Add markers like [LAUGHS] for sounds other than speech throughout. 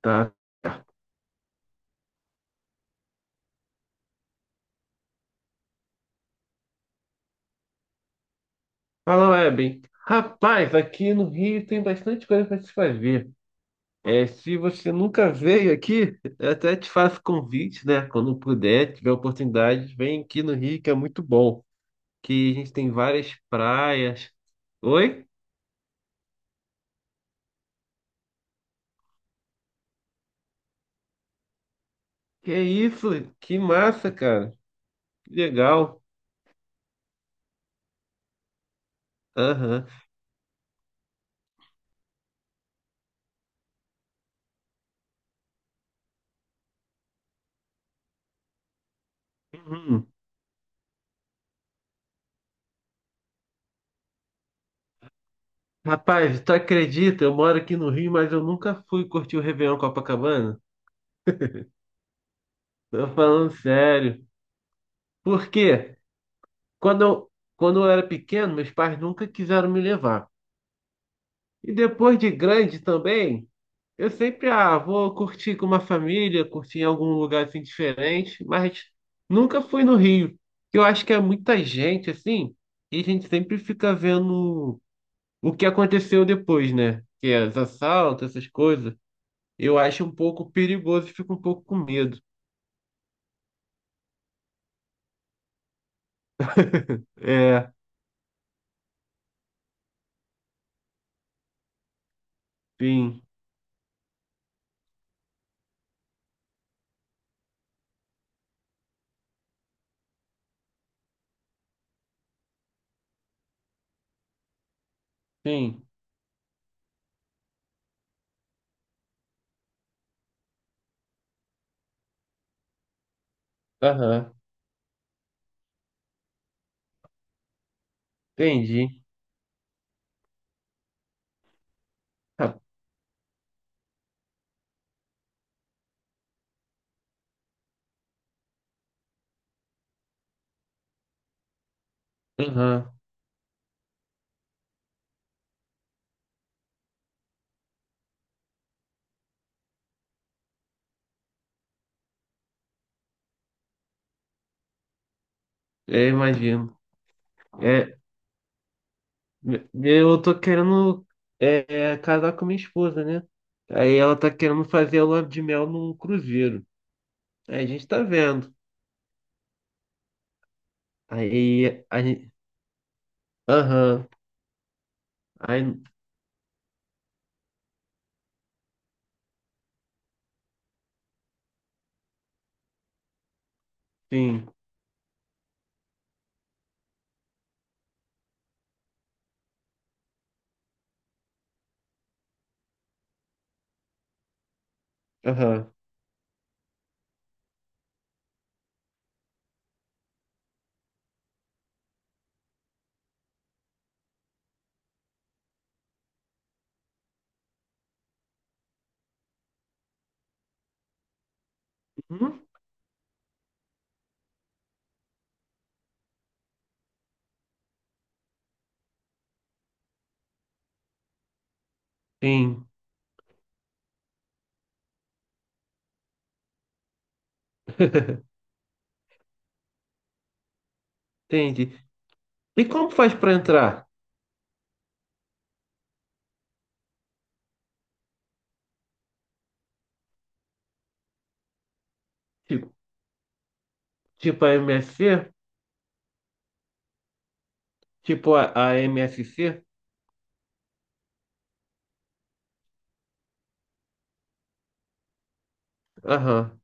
Tá. Fala, Webem. Rapaz, aqui no Rio tem bastante coisa para se fazer. É, se você nunca veio aqui, eu até te faço convite, né? Quando puder, tiver oportunidade, vem aqui no Rio, que é muito bom. Que a gente tem várias praias. Oi? Que isso? Que massa, cara. Que legal. Aham. Uhum. Rapaz, tu acredita? Eu moro aqui no Rio, mas eu nunca fui curtir o Réveillon Copacabana. Tô falando sério. Por quê? Quando eu, Quando eu era pequeno, meus pais nunca quiseram me levar. E depois de grande também, eu sempre, ah, vou curtir com uma família, curtir em algum lugar assim diferente, mas nunca fui no Rio. Eu acho que é muita gente assim, e a gente sempre fica vendo o que aconteceu depois, né? Que é os assaltos, essas coisas. Eu acho um pouco perigoso e fico um pouco com medo. É, sim, sim. Aham, entendi. Ah, aham, é, imagino. É, eu tô querendo casar com minha esposa, né? Aí ela tá querendo fazer a lua de mel num cruzeiro. Aí a gente tá vendo. Aí a gente. Aham. Aí. Sim. Aham. Uhum. Sim. [LAUGHS] Entendi. E como faz pra entrar? Tipo, tipo a MSC? Tipo a MSC? Aham.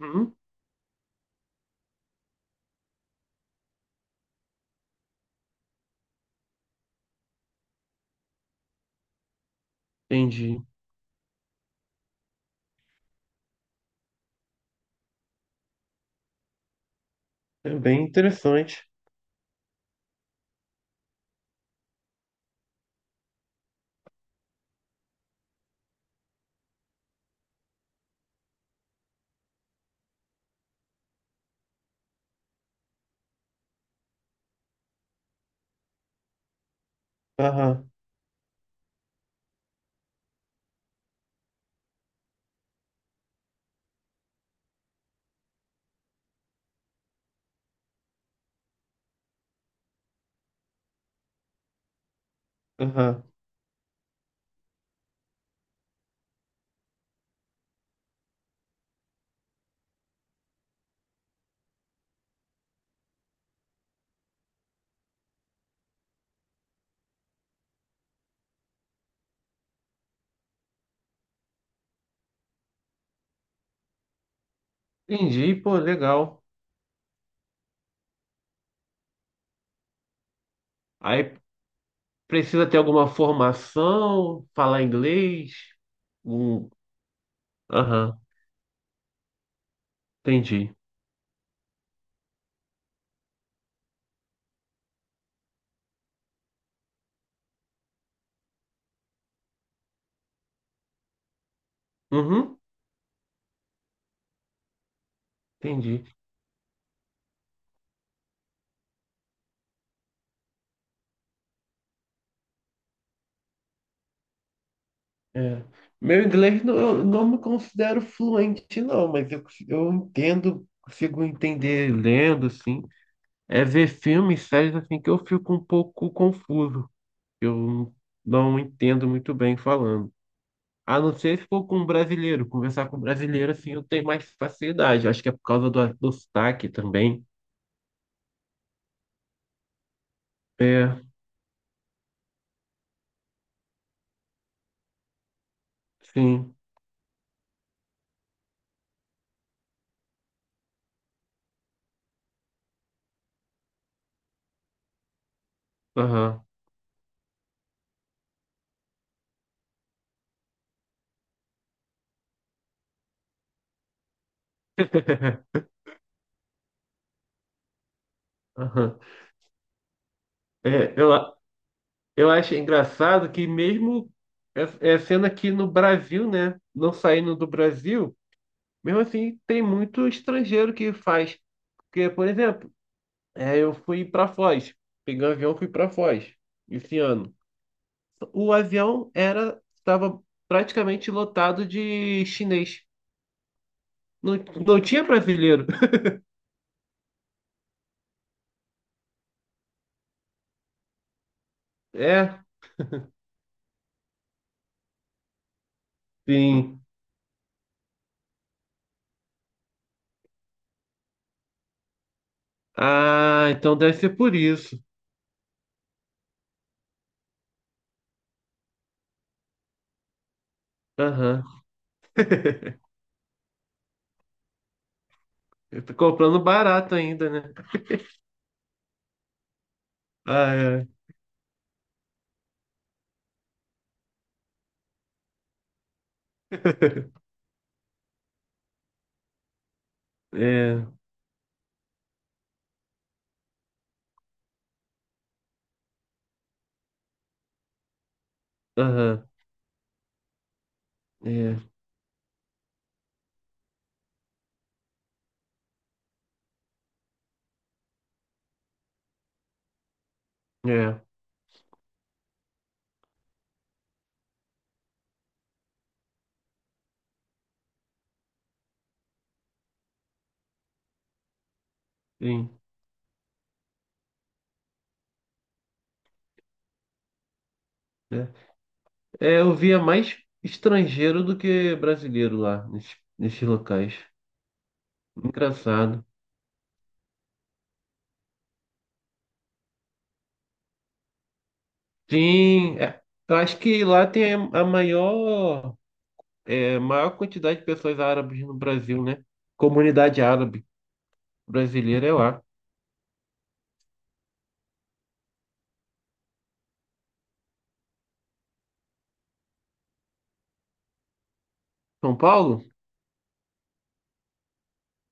Uhum. Entendi. É bem interessante. Aham. Aham. Entendi, pô, legal. Aí, precisa ter alguma formação, falar inglês? Um... Aham, entendi. Uhum, entendi. É. Meu inglês não, eu não me considero fluente, não, mas eu, cons- eu entendo, consigo entender lendo, assim. É ver filmes, séries, assim, que eu fico um pouco confuso. Eu não entendo muito bem falando. A não ser se for com um brasileiro, conversar com um brasileiro, assim, eu tenho mais facilidade. Acho que é por causa do sotaque também. É, sim. Aham, aham. É, eu, a- eu acho engraçado que mesmo sendo aqui no Brasil, né? Não saindo do Brasil, mesmo assim tem muito estrangeiro que faz. Porque, por exemplo, é, eu fui para Foz, peguei um avião, fui para Foz esse ano. O avião era Estava praticamente lotado de chinês. Não, não tinha brasileiro. [LAUGHS] É, sim. Ah, então deve ser por isso. Aham. [LAUGHS] Eu tô comprando barato ainda, né? Ah, é. [LAUGHS] É, aham, é, é, sim, é. É, eu via mais estrangeiro do que brasileiro lá, nesses locais. Engraçado. Sim, é, eu acho que lá tem a maior, é, maior quantidade de pessoas árabes no Brasil, né? Comunidade árabe brasileira é lá. São Paulo?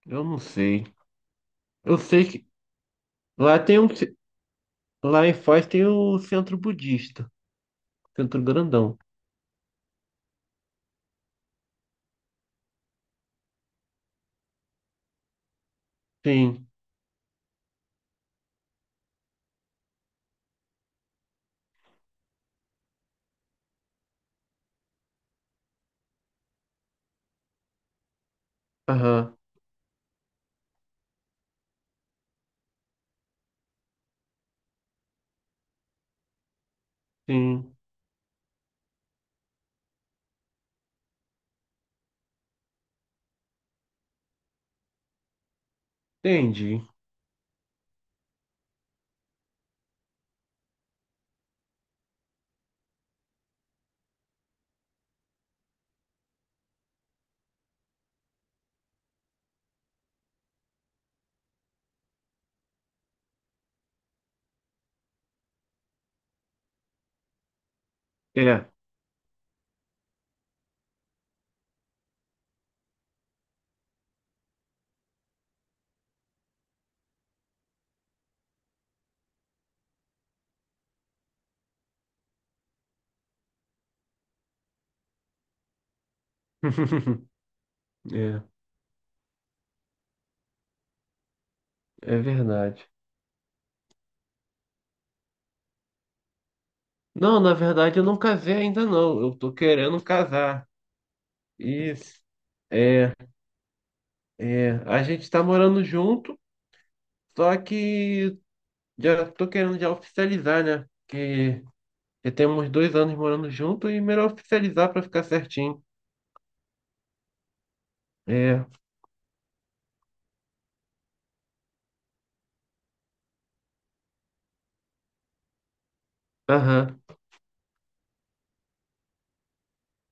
Eu não sei. Eu sei que lá tem um, lá em Foz tem o centro budista, centro grandão. Sim, aham. Sim, entendi. É. [LAUGHS] É, é verdade. Não, na verdade eu não casei ainda não. Eu tô querendo casar. Isso. É, A gente tá morando junto, só que já tô querendo já oficializar, né? Que já temos dois anos morando junto e melhor oficializar pra ficar certinho. É, aham,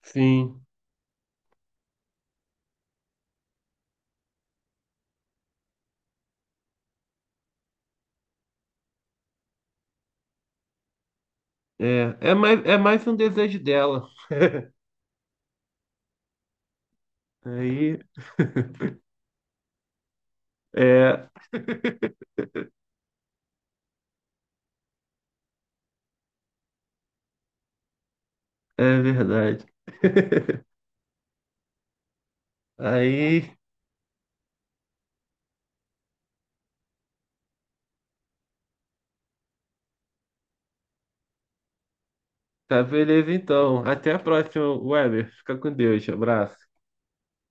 sim. É mais um desejo dela. [LAUGHS] Aí, [LAUGHS] é. É verdade. [LAUGHS] Aí, tá beleza então. Até a próxima, Weber. Fica com Deus. Abraço.